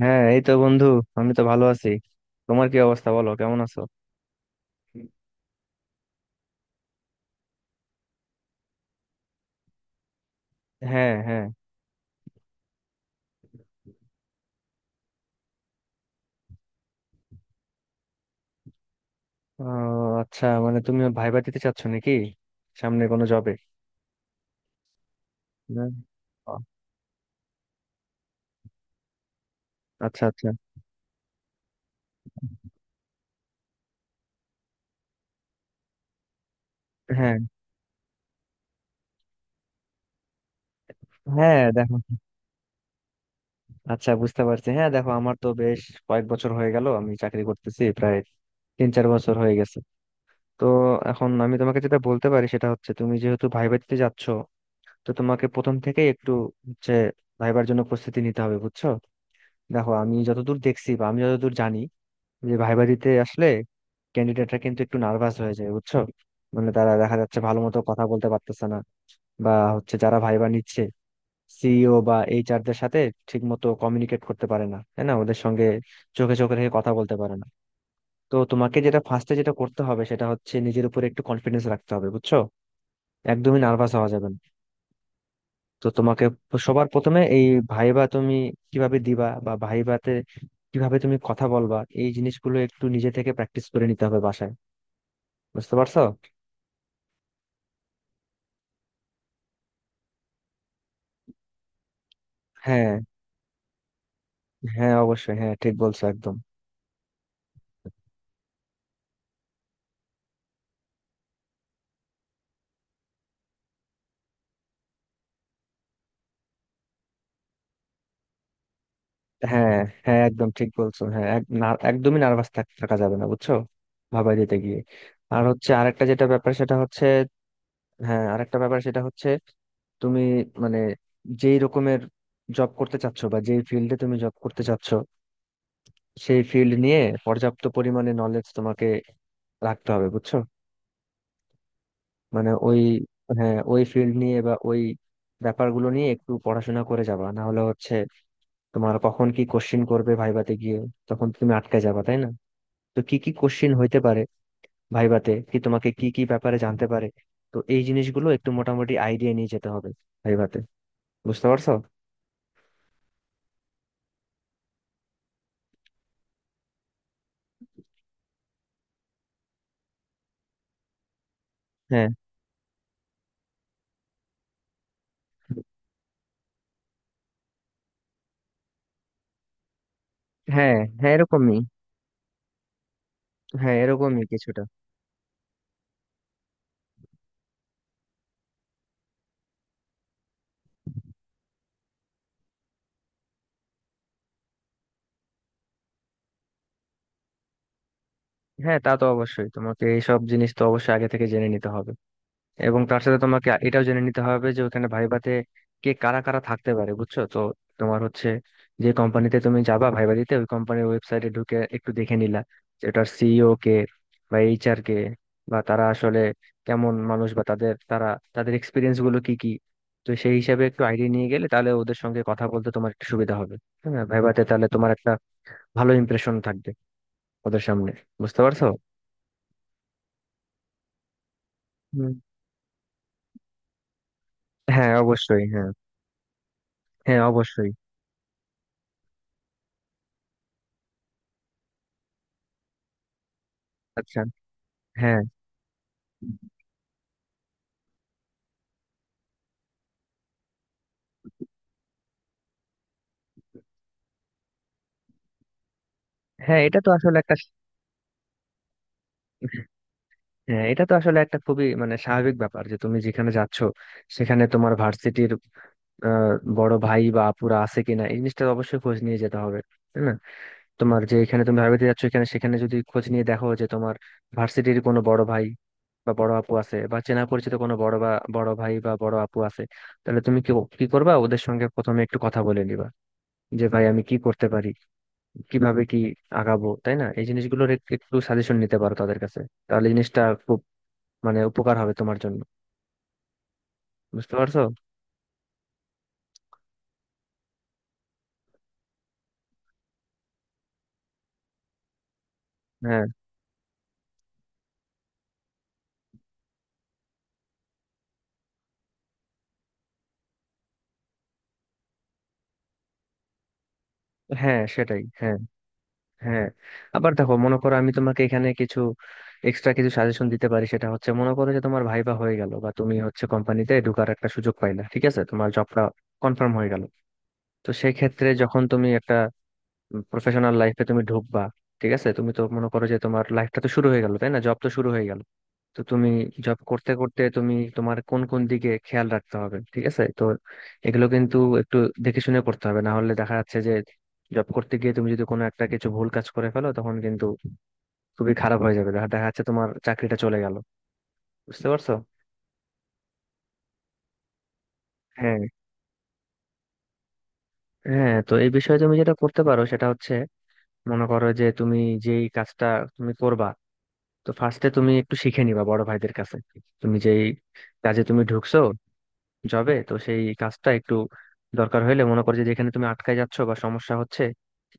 হ্যাঁ, এই তো বন্ধু। আমি তো ভালো আছি। তোমার কি অবস্থা, বলো, কেমন আছো? হ্যাঁ হ্যাঁ ও, আচ্ছা, মানে তুমি ভাইবা দিতে চাচ্ছ নাকি সামনে কোনো জবে? আচ্ছা আচ্ছা হ্যাঁ হ্যাঁ দেখো, আচ্ছা, বুঝতে পারছি। হ্যাঁ, দেখো, আমার তো বেশ কয়েক বছর হয়ে গেল, আমি চাকরি করতেছি প্রায় তিন চার বছর হয়ে গেছে। তো এখন আমি তোমাকে যেটা বলতে পারি সেটা হচ্ছে তুমি যেহেতু ভাইবা দিতে যাচ্ছ, তো তোমাকে প্রথম থেকেই একটু হচ্ছে ভাইবার জন্য প্রস্তুতি নিতে হবে, বুঝছো? দেখো, আমি যতদূর দেখছি বা আমি যতদূর জানি যে ভাইবা দিতে আসলে ক্যান্ডিডেটরা কিন্তু একটু নার্ভাস হয়ে যায়, বুঝছো? মানে তারা দেখা যাচ্ছে ভালো মতো কথা বলতে পারতেছে না, বা হচ্ছে যারা ভাইবা নিচ্ছে সিইও বা এইচআর দের সাথে ঠিক মতো কমিউনিকেট করতে পারে না, তাই না, ওদের সঙ্গে চোখে চোখে রেখে কথা বলতে পারে না। তো তোমাকে যেটা ফার্স্টে যেটা করতে হবে সেটা হচ্ছে নিজের উপরে একটু কনফিডেন্স রাখতে হবে, বুঝছো? একদমই নার্ভাস হওয়া যাবে না। তো তোমাকে সবার প্রথমে এই ভাইবা তুমি কিভাবে দিবা বা ভাইবাতে কিভাবে তুমি কথা বলবা, এই জিনিসগুলো একটু নিজে থেকে প্র্যাকটিস করে নিতে হবে বাসায়। বুঝতে পারছো? হ্যাঁ, হ্যাঁ অবশ্যই, হ্যাঁ, ঠিক বলছো একদম। হ্যাঁ, হ্যাঁ, একদম ঠিক বলছো। হ্যাঁ, একদমই নার্ভাস থাকা যাবে না, বুঝছো, ভাবাই দিতে গিয়ে। আর হচ্ছে আরেকটা যেটা ব্যাপার সেটা হচ্ছে, হ্যাঁ আরেকটা ব্যাপার সেটা হচ্ছে তুমি মানে যেই রকমের জব করতে চাচ্ছ বা যেই ফিল্ডে তুমি জব করতে চাচ্ছ, সেই ফিল্ড নিয়ে পর্যাপ্ত পরিমাণে নলেজ তোমাকে রাখতে হবে, বুঝছো? মানে ওই, হ্যাঁ ওই ফিল্ড নিয়ে বা ওই ব্যাপারগুলো নিয়ে একটু পড়াশোনা করে যাবা, না হলে হচ্ছে তোমার কখন কি কোশ্চিন করবে ভাইভাতে গিয়ে, তখন তো তুমি আটকে যাবা, তাই না? তো কি কি কোশ্চিন হইতে পারে ভাইভাতে, কি তোমাকে কি কি ব্যাপারে জানতে পারে, তো এই জিনিসগুলো একটু মোটামুটি আইডিয়া নিয়ে যেতে হবে ভাইভাতে। বুঝতে পারছো? হ্যাঁ হ্যাঁ হ্যাঁ এরকমই, হ্যাঁ এরকমই কিছুটা। হ্যাঁ, তা তো অবশ্যই, তোমাকে এইসব জিনিস তো অবশ্যই আগে থেকে জেনে নিতে হবে। এবং তার সাথে তোমাকে এটাও জেনে নিতে হবে যে ওখানে ভাইভাতে কে কারা কারা থাকতে পারে, বুঝছো তো। তোমার হচ্ছে যে কোম্পানিতে তুমি যাবা ভাইভা দিতে, ওই কোম্পানির ওয়েবসাইটে ঢুকে একটু দেখে নিলা যে ওটার সিইও কে বা এইচআর কে, বা তারা আসলে কেমন মানুষ বা তাদের এক্সপিরিয়েন্স গুলো কি কি। তো সেই হিসাবে একটু আইডিয়া নিয়ে গেলে তাহলে ওদের সঙ্গে কথা বলতে তোমার একটু সুবিধা হবে। হ্যাঁ, ভাইভাতে তাহলে তোমার একটা ভালো ইমপ্রেশন থাকবে ওদের সামনে। বুঝতে পারছো? হুম। হ্যাঁ অবশ্যই। হ্যাঁ, হ্যাঁ অবশ্যই। আচ্ছা। হ্যাঁ। হ্যাঁ, এটা তো আসলে একটা, হ্যাঁ এটা তো আসলে একটা খুবই মানে স্বাভাবিক ব্যাপার যে তুমি যেখানে যাচ্ছ সেখানে তোমার ভার্সিটির বড় ভাই বা আপুরা আছে কিনা এই জিনিসটা অবশ্যই খোঁজ নিয়ে যেতে হবে, তাই না? তোমার যে এখানে তুমি ভার্সিটি যাচ্ছ এখানে সেখানে যদি খোঁজ নিয়ে দেখো যে তোমার ভার্সিটির কোনো বড় ভাই বা বড় আপু আছে, বা চেনা পরিচিত কোনো বড় বা বড় ভাই বা বড় আপু আছে, তাহলে তুমি কি কি করবা, ওদের সঙ্গে প্রথমে একটু কথা বলে নিবা যে ভাই আমি কি করতে পারি, কিভাবে কি আগাবো, তাই না, এই জিনিসগুলোর একটু সাজেশন নিতে পারো তাদের কাছে। তাহলে জিনিসটা খুব মানে উপকার হবে তোমার জন্য। বুঝতে পারছো? হ্যাঁ, হ্যাঁ সেটাই, হ্যাঁ। হ্যাঁ, আবার দেখো, মনে করো আমি তোমাকে এখানে কিছু এক্সট্রা কিছু সাজেশন দিতে পারি, সেটা হচ্ছে মনে করো যে তোমার ভাইবা হয়ে গেল বা তুমি হচ্ছে কোম্পানিতে ঢোকার একটা সুযোগ পাইলা, ঠিক আছে, তোমার জবটা কনফার্ম হয়ে গেল। তো সেই ক্ষেত্রে যখন তুমি একটা প্রফেশনাল লাইফে তুমি ঢুকবা, ঠিক আছে, তুমি তো মনে করো যে তোমার লাইফটা তো শুরু হয়ে গেল, তাই না, জব তো শুরু হয়ে গেল। তো তুমি জব করতে করতে তুমি তোমার কোন কোন দিকে খেয়াল রাখতে হবে, ঠিক আছে তো। এগুলো কিন্তু একটু দেখে শুনে করতে হবে, না হলে দেখা যাচ্ছে যে জব করতে গিয়ে তুমি যদি কোনো একটা কিছু ভুল কাজ করে ফেলো তখন কিন্তু খুবই খারাপ হয়ে যাবে, দেখা দেখা যাচ্ছে তোমার চাকরিটা চলে গেল। বুঝতে পারছো? হ্যাঁ। হ্যাঁ, তো এই বিষয়ে তুমি যেটা করতে পারো সেটা হচ্ছে মনে করো যে তুমি যেই কাজটা তুমি করবা, তো ফার্স্টে তুমি একটু শিখে নিবা বড় ভাইদের কাছে। তুমি যেই কাজে তুমি ঢুকছো যাবে, তো সেই কাজটা একটু, দরকার হইলে মনে করো যে যেখানে তুমি আটকায় যাচ্ছ বা সমস্যা হচ্ছে,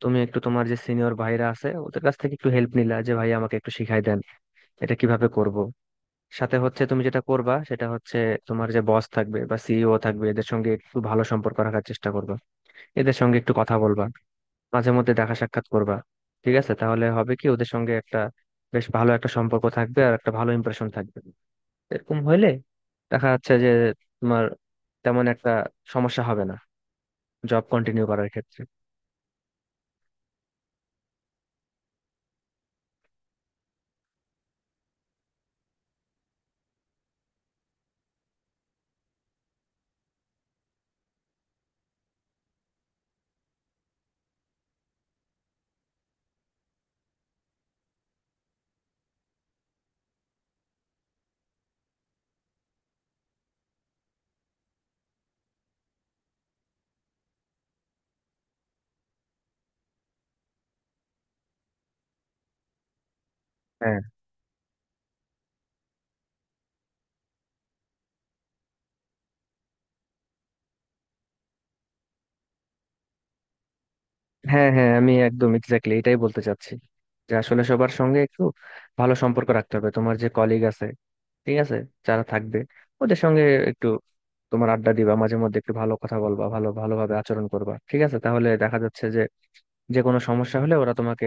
তুমি একটু তোমার যে সিনিয়র ভাইরা আছে ওদের কাছ থেকে একটু হেল্প নিলা, যে ভাই আমাকে একটু শিখাই দেন এটা কিভাবে করব। সাথে হচ্ছে তুমি যেটা করবা সেটা হচ্ছে তোমার যে বস থাকবে বা সিইও থাকবে এদের সঙ্গে একটু ভালো সম্পর্ক রাখার চেষ্টা করবা, এদের সঙ্গে একটু কথা বলবা, মাঝে মধ্যে দেখা সাক্ষাৎ করবা, ঠিক আছে। তাহলে হবে কি, ওদের সঙ্গে একটা বেশ ভালো একটা সম্পর্ক থাকবে আর একটা ভালো ইমপ্রেশন থাকবে। এরকম হইলে দেখা যাচ্ছে যে তোমার তেমন একটা সমস্যা হবে না জব কন্টিনিউ করার ক্ষেত্রে। হ্যাঁ, হ্যাঁ হ্যাঁ আমি একদম এক্স্যাক্টলি এটাই বলতে চাচ্ছি যে আসলে সবার সঙ্গে একটু ভালো সম্পর্ক রাখতে হবে, তোমার যে কলিগ আছে, ঠিক আছে, যারা থাকবে ওদের সঙ্গে একটু তোমার আড্ডা দিবা, মাঝে মধ্যে একটু ভালো কথা বলবা, ভালো ভালোভাবে আচরণ করবা, ঠিক আছে। তাহলে দেখা যাচ্ছে যে যে কোনো সমস্যা হলে ওরা তোমাকে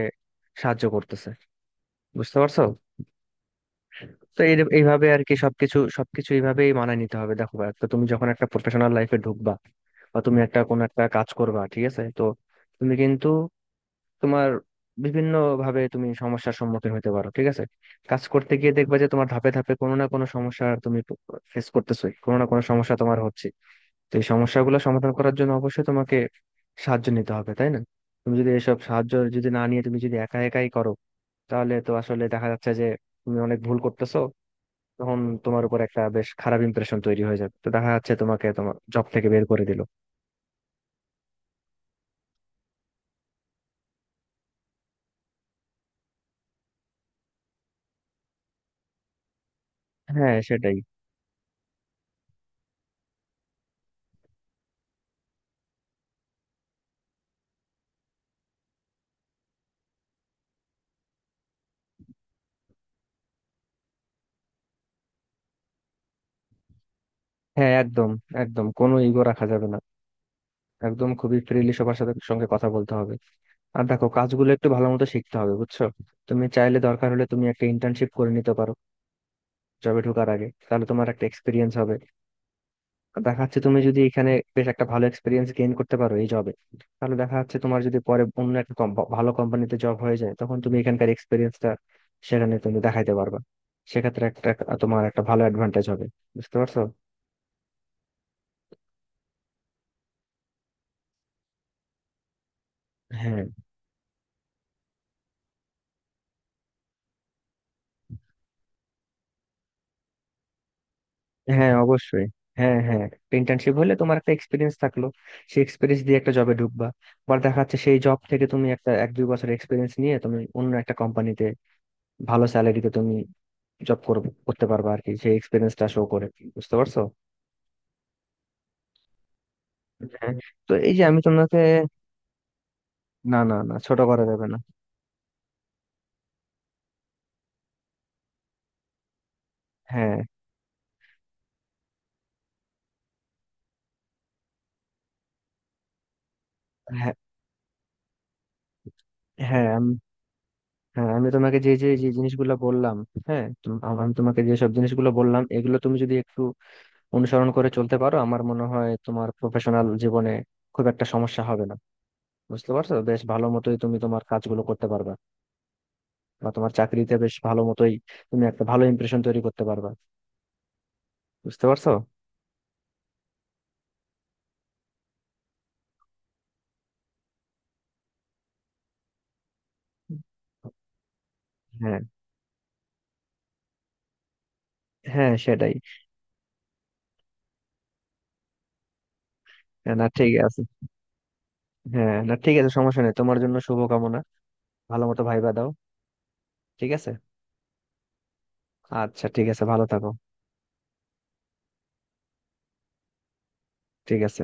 সাহায্য করতেছে। বুঝতে পারছো? তো এই এইভাবে আর কি, সবকিছু সবকিছু এইভাবেই মানায় নিতে হবে। দেখো ভাই, তো তুমি যখন একটা প্রফেশনাল লাইফে ঢুকবা বা তুমি একটা কোনো একটা কাজ করবা, ঠিক আছে তো। তুমি কিন্তু তোমার বিভিন্ন ভাবে তুমি সমস্যার সম্মুখীন হতে পারো, ঠিক আছে। কাজ করতে গিয়ে দেখবা যে তোমার ধাপে ধাপে কোনো না কোনো সমস্যা তুমি ফেস করতেছোই, কোনো না কোনো সমস্যা তোমার হচ্ছে। তো এই সমস্যাগুলো সমাধান করার জন্য অবশ্যই তোমাকে সাহায্য নিতে হবে, তাই না? তুমি যদি এসব সাহায্য যদি না নিয়ে তুমি যদি একা একাই করো, তাহলে তো আসলে দেখা যাচ্ছে যে তুমি অনেক ভুল করতেছো। তখন তোমার উপর একটা বেশ খারাপ ইমপ্রেশন তৈরি হয়ে যাবে, তো দেখা যাচ্ছে তোমাকে তোমার জব থেকে বের করে দিল। হ্যাঁ সেটাই। হ্যাঁ একদম, একদম কোনো ইগো রাখা যাবে না। একদম খুবই ফ্রিলি সবার সাথে সঙ্গে কথা বলতে হবে। আর দেখো, কাজগুলো একটু ভালো মতো শিখতে হবে, বুঝছো। তুমি চাইলে দরকার হলে তুমি একটা ইন্টার্নশিপ করে নিতে পারো জবে ঢোকার আগে, তাহলে তোমার একটা এক্সপিরিয়েন্স হবে। দেখা যাচ্ছে তুমি যদি এখানে বেশ একটা ভালো এক্সপিরিয়েন্স গেইন করতে পারো এই জবে, তাহলে দেখা যাচ্ছে তোমার যদি পরে অন্য একটা ভালো কোম্পানিতে জব হয়ে যায়, তখন তুমি এখানকার এক্সপিরিয়েন্সটা সেখানে তুমি দেখাইতে পারবা। সেক্ষেত্রে একটা, তোমার একটা ভালো অ্যাডভান্টেজ হবে। বুঝতে পারছো? হ্যাঁ হ্যাঁ অবশ্যই। হ্যাঁ হ্যাঁ ইন্টার্নশিপ হলে তোমার একটা এক্সপিরিয়েন্স থাকলো, সেই এক্সপিরিয়েন্স দিয়ে একটা জবে ঢুকবা। আবার দেখা যাচ্ছে সেই জব থেকে তুমি একটা এক দুই বছর এক্সপিরিয়েন্স নিয়ে তুমি অন্য একটা কোম্পানিতে ভালো স্যালারিতে তুমি জব করতে পারবা আর কি, সেই এক্সপিরিয়েন্সটা শো করে। বুঝতে পারছো? হ্যাঁ। তো এই যে আমি তোমাকে, না না না, ছোট করা যাবে না। হ্যাঁ হ্যাঁ হ্যাঁ আমি হ্যাঁ, আমি তোমাকে যে যে যে জিনিসগুলো বললাম, হ্যাঁ আমি তোমাকে যে সব জিনিসগুলো বললাম এগুলো তুমি যদি একটু অনুসরণ করে চলতে পারো, আমার মনে হয় তোমার প্রফেশনাল জীবনে খুব একটা সমস্যা হবে না। বুঝতে পারছো, বেশ ভালো মতোই তুমি তোমার কাজগুলো করতে পারবা, বা তোমার চাকরিতে বেশ ভালো মতোই তুমি একটা ভালো ইমপ্রেশন তৈরি করতে পারবা। বুঝতে পারছো? হ্যাঁ, হ্যাঁ সেটাই। না ঠিক আছে, হ্যাঁ না ঠিক আছে, সমস্যা নেই। তোমার জন্য শুভকামনা, ভালো মতো ভাইবা দাও, ঠিক আছে? আচ্ছা, ঠিক আছে, ভালো থাকো। ঠিক আছে।